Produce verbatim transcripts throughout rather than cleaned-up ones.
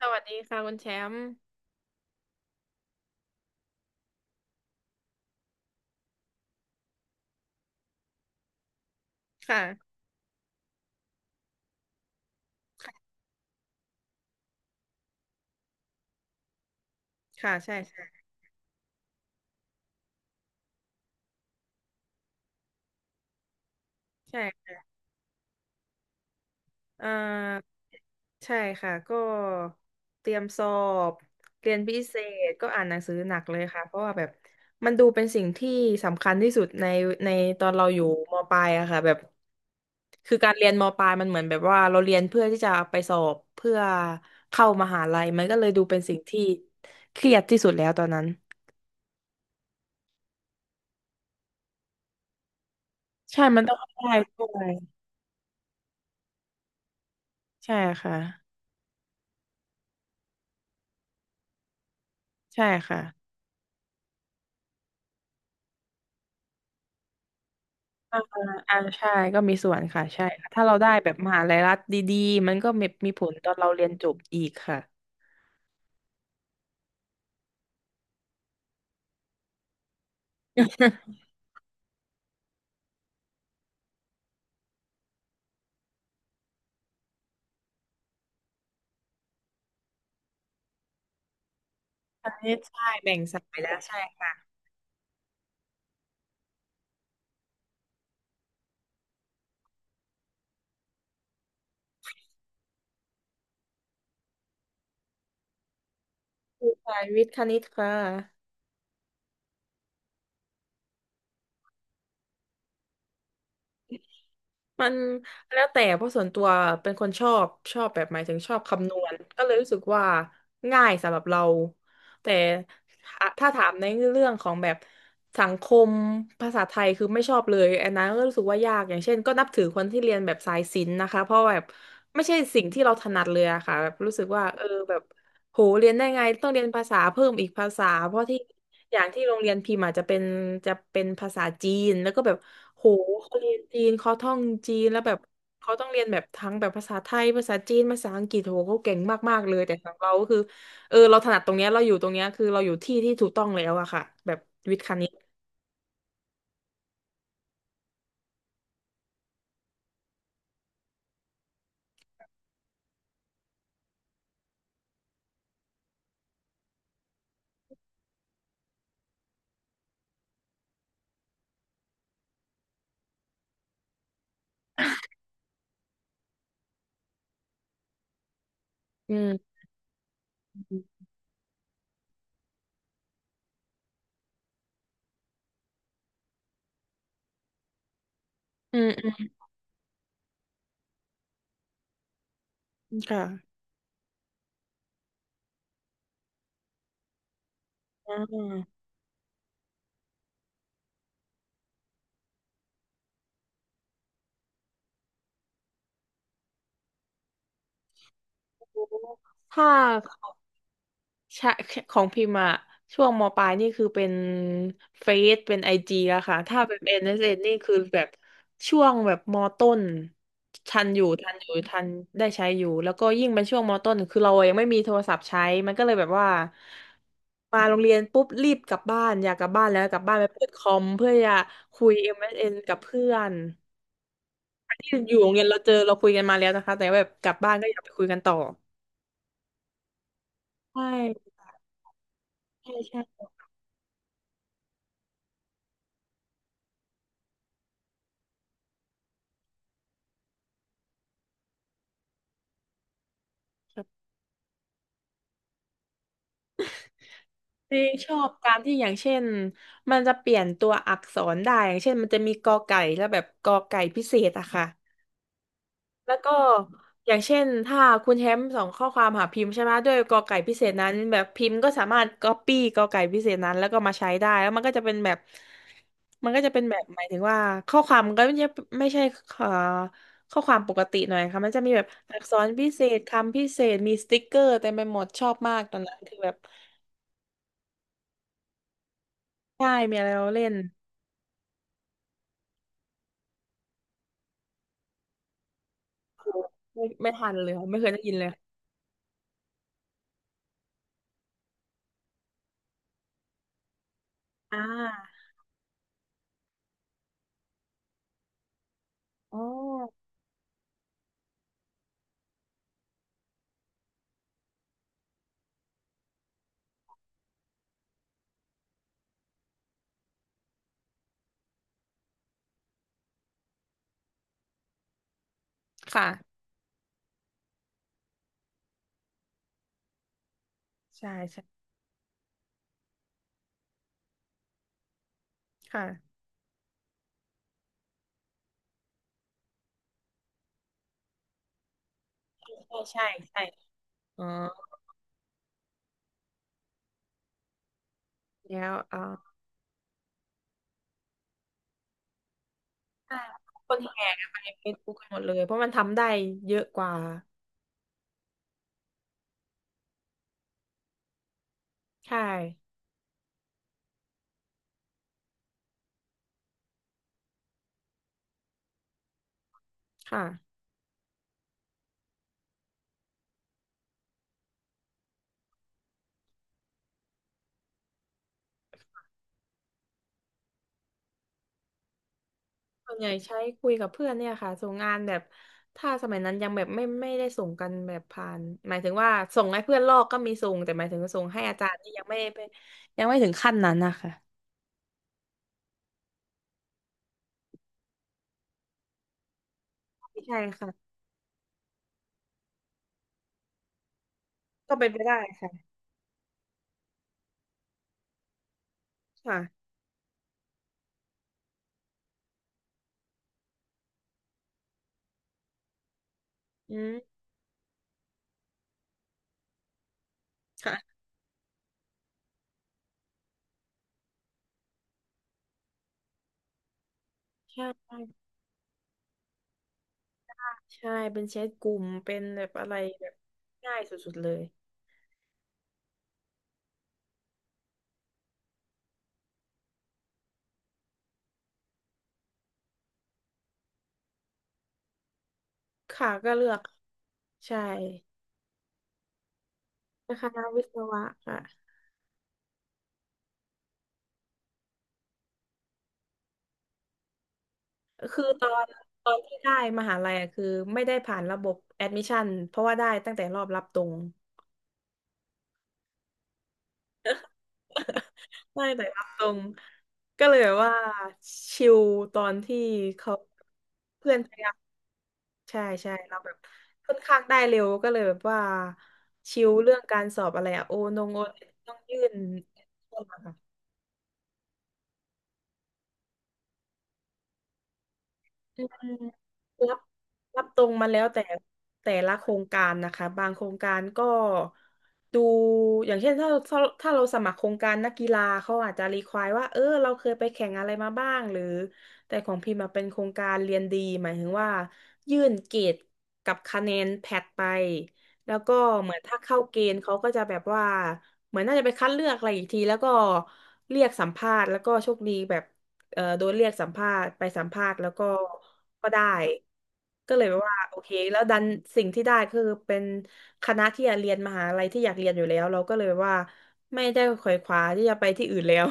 สวัสดีค่ะคุณแชมป์ค่ะค่ะใช่ใช่ใช่เอ่อใช่ค่ะก็เตรียมสอบเรียนพิเศษก็อ่านหนังสือหนักเลยค่ะเพราะว่าแบบมันดูเป็นสิ่งที่สำคัญที่สุดในในตอนเราอยู่มปลายอะค่ะแบบคือการเรียนมปลายมันเหมือนแบบว่าเราเรียนเพื่อที่จะไปสอบเพื่อเข้ามหาลัยมันก็เลยดูเป็นสิ่งที่เครียดที่สุดแล้วตอนนั้นใช่มันต้องได้ด้วยใช่ค่ะใช่ค่ะ อ่าอ่าใช่ก็มีส่วนค่ะใช่ค่ะถ้าเราได้แบบมหาลัยรัฐดีๆมันก็มีมีผลตอนเราเรียนจบอีกค่ะ คณิตใช่แบ่งสายแล้วใช่ค่ะคือสายวิทย์คณิตค่ะ มันแล้วแต่เพราะส่วนตัวเป็นคนชอบชอบแบบหมายถึงชอบคำนวณก็เลยรู้สึกว่าง่ายสำหรับเราแต่ถ้าถ้าถามในเรื่องของแบบสังคมภาษาไทยคือไม่ชอบเลยอันนั้นก็รู้สึกว่ายากอย่างเช่นก็นับถือคนที่เรียนแบบสายศิลป์นะคะเพราะแบบไม่ใช่สิ่งที่เราถนัดเลยอะค่ะแบบรู้สึกว่าเออแบบ โหเรียนได้ไงต้องเรียนภาษาเพิ่มอีกภาษาเพราะที่อย่างที่โรงเรียนพิมพ์อาจจะเป็นจะเป็นภาษาจีนแล้วก็แบบโหเขาเรียนจีนเขาท่องจีนแล้วแบบเขาต้องเรียนแบบทั้งแบบภาษาไทยภาษาจีนภาษาอังกฤษโหเขาเก่งมากๆเลยแต่ของเราก็คือเออเราถนัดตรงเนี้ยเราอยู่ตรงเนี้ยคือเราอยู่ที่ที่ถูกต้องแล้วอะค่ะแบบวิทย์คณิตอืมอืมอืมค่ะอ่าถ้า ใช่ของพิมพ์อะช่วงมปลายนี่คือเป็นเฟซเป็นไอจีแล้วค่ะถ้าเป็น n s ็นเอสเอ็นนี่คือแบบช่วงแบบมต้นทันอยู่ทันอยู่ทันได้ใช้อยู่แล้วก็ยิ่งเป็นช่วงมต้นคือเรายังไม่มีโทรศัพท์ใช้มันก็เลยแบบว่ามาโรงเรียนปุ๊บรีบกลับบ้านอยากกลับบ้านแล้วกลับบ้านไปเปิดคอมเพื่อจะคุยเอ s นกับเพื่อนที่อยู่โรงเรียนเราเจอเราคุยกันมาแล้วนะคะแต่แบบกลับบ้านก็อยากไปคุยกันต่อใช่ใช่ใช่ ที่ชอบการที่อย่างเช่นมันจะเปลี่ยนตัวอักษรได้อย่างเช่นมันจะมีกอไก่แล้วแบบกอไก่พิเศษอะค่ะแล้วก็อย่างเช่นถ้าคุณแชมป์ส่งข้อความหาพิมพ์ใช่ไหมด้วยกอไก่พิเศษนั้นแบบพิมพ์ก็สามารถก๊อปปี้กอไก่พิเศษนั้นแล้วก็มาใช้ได้แล้วมันก็จะเป็นแบบมันก็จะเป็นแบบหมายถึงว่าข้อความก็ไม่ใช่ไม่ใช่เอ่อข้อความปกติหน่อยค่ะมันจะมีแบบอักษรพิเศษคำพิเศษมีสติ๊กเกอร์เต็มไปหมดชอบมากตอนนั้นคือแบบใช่มีอะไรเราเล่น ไม่ไม่ทันเลยค่ะไม่เคยได้ยินเลยอ่าอ๋อค่ะใช่ใช่ค่ะใช่ใช่ใช่อ๋อแล้วอ่าใช่คนแห่กันไปเฟซบุ๊กกันหมดเลยเพราะมันทำได้เยอะกว่าใช่ค่ะส่วนใหญ่ใช้คุยกับเพื่อนเนี่ยค่ะส่งงานแบบถ้าสมัยนั้นยังแบบไม่ไม่ได้ส่งกันแบบผ่านหมายถึงว่าส่งให้เพื่อนลอกก็มีส่งแต่หมายถึงส่งให้อาจารย์นี่ยังไม่ไปยังไม่ถึงขั้นนั้นนะคะใช่ค่ะก็เป็นไปได้ค่ะค่ะอืมค่ะใช่ ใช่เป็นแชทกลุ่มเป็นแบบอะไรแบบง่ายสุดๆเลยค่ะก็เลือกใช่คณะวิศวะค่ะคือตอนตอนที่ได้มหาลัยอะคือไม่ได้ผ่านระบบแอดมิชชั่นเพราะว่าได้ตั้งแต่รอบรับตรง ได้ตแต่รับตรงก็เลยแบบว่าชิลตอนที่เขาเพื่อนพยายามใช่ใช่เราแบบค่อนข้างได้เร็วก็เลยแบบว่าชิลเรื่องการสอบอะไรอะโอนงโอนต้องยื่น อืมรับรับตรงมาแล้วแต่แต่ละโครงการนะคะบางโครงการก็ดูอย่างเช่นถ้าถ้าถ้าเราสมัครโครงการนักกีฬาเขาอาจจะรีควายว่าเออเราเคยไปแข่งอะไรมาบ้างหรือแต่ของพิมพ์มาเป็นโครงการเรียนดีหมายถึงว่ายื่นเกรดกับคะแนนแพทไปแล้วก็เหมือนถ้าเข้าเกณฑ์เขาก็จะแบบว่าเหมือนน่าจะไปคัดเลือกอะไรอีกทีแล้วก็เรียกสัมภาษณ์แล้วก็โชคดีแบบ เอ่อโดนเรียกสัมภาษณ์ไปสัมภาษณ์แล้วก็ก็ได้ก็เลยแบบว่าโอเคแล้วดันสิ่งที่ได้คือเป็นคณะที่อยากเรียนมหาลัยที่อยากเรียนอยู่แล้วเราก็เลยแบบว่าไม่ได้ขวนขวายที่จะไปที่อื่นแล้ว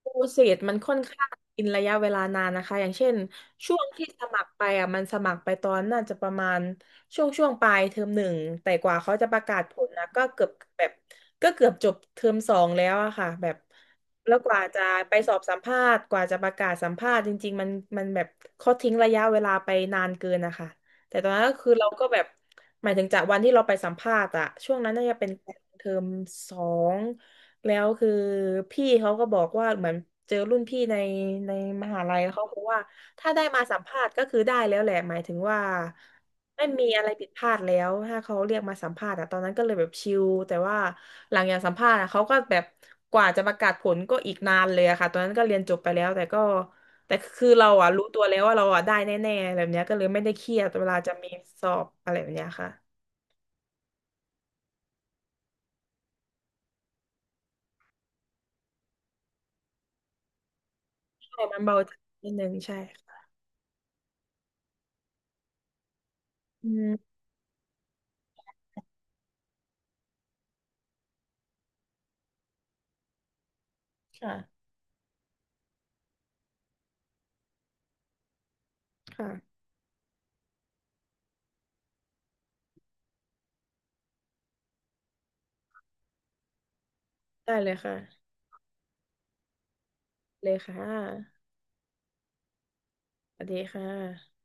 โปรเซสมันค่อนข้างกินระยะเวลานานนะคะอย่างเช่นช่วงที่สมัครไปอ่ะมันสมัครไปตอนน่าจะประมาณช่วงช่วงปลายเทอมหนึ่งแต่กว่าเขาจะประกาศผลนะก็เกือบแบบก็เกือบจบเทอมสองแล้วอะค่ะแบบแล้วกว่าจะไปสอบสัมภาษณ์กว่าจะประกาศสัมภาษณ์จริงๆมันมันแบบเขาทิ้งระยะเวลาไปนานเกินนะคะแต่ตอนนั้นก็คือเราก็แบบหมายถึงจากวันที่เราไปสัมภาษณ์อะช่วงนั้นน่าจะเป็นเทอมสอง แล้วคือพี่เขาก็บอกว่าเหมือนเจอรุ่นพี่ในในมหาลัยเขาบอกว่าถ้าได้มาสัมภาษณ์ก็คือได้แล้วแหละหมายถึงว่าไม่มีอะไรผิดพลาดแล้วถ้าเขาเรียกมาสัมภาษณ์อะตอนนั้นก็เลยแบบชิลแต่ว่าหลังจากสัมภาษณ์อะเขาก็แบบกว่าจะประกาศผลก็อีกนานเลยอะค่ะตอนนั้นก็เรียนจบไปแล้วแต่ก็แต่คือเราอะรู้ตัวแล้วว่าเราอะได้แน่ๆแบบเนี้ยก็เลยไม่ได้เครียดเวลาจะมีสอบอะไรแบบเนี้ยค่ะใช่มันเบาใจนิดนึงใช่ค่ะอืมค่ะค่ะได้เลยค่ะ เลยค่ะสวัสดีค่ะ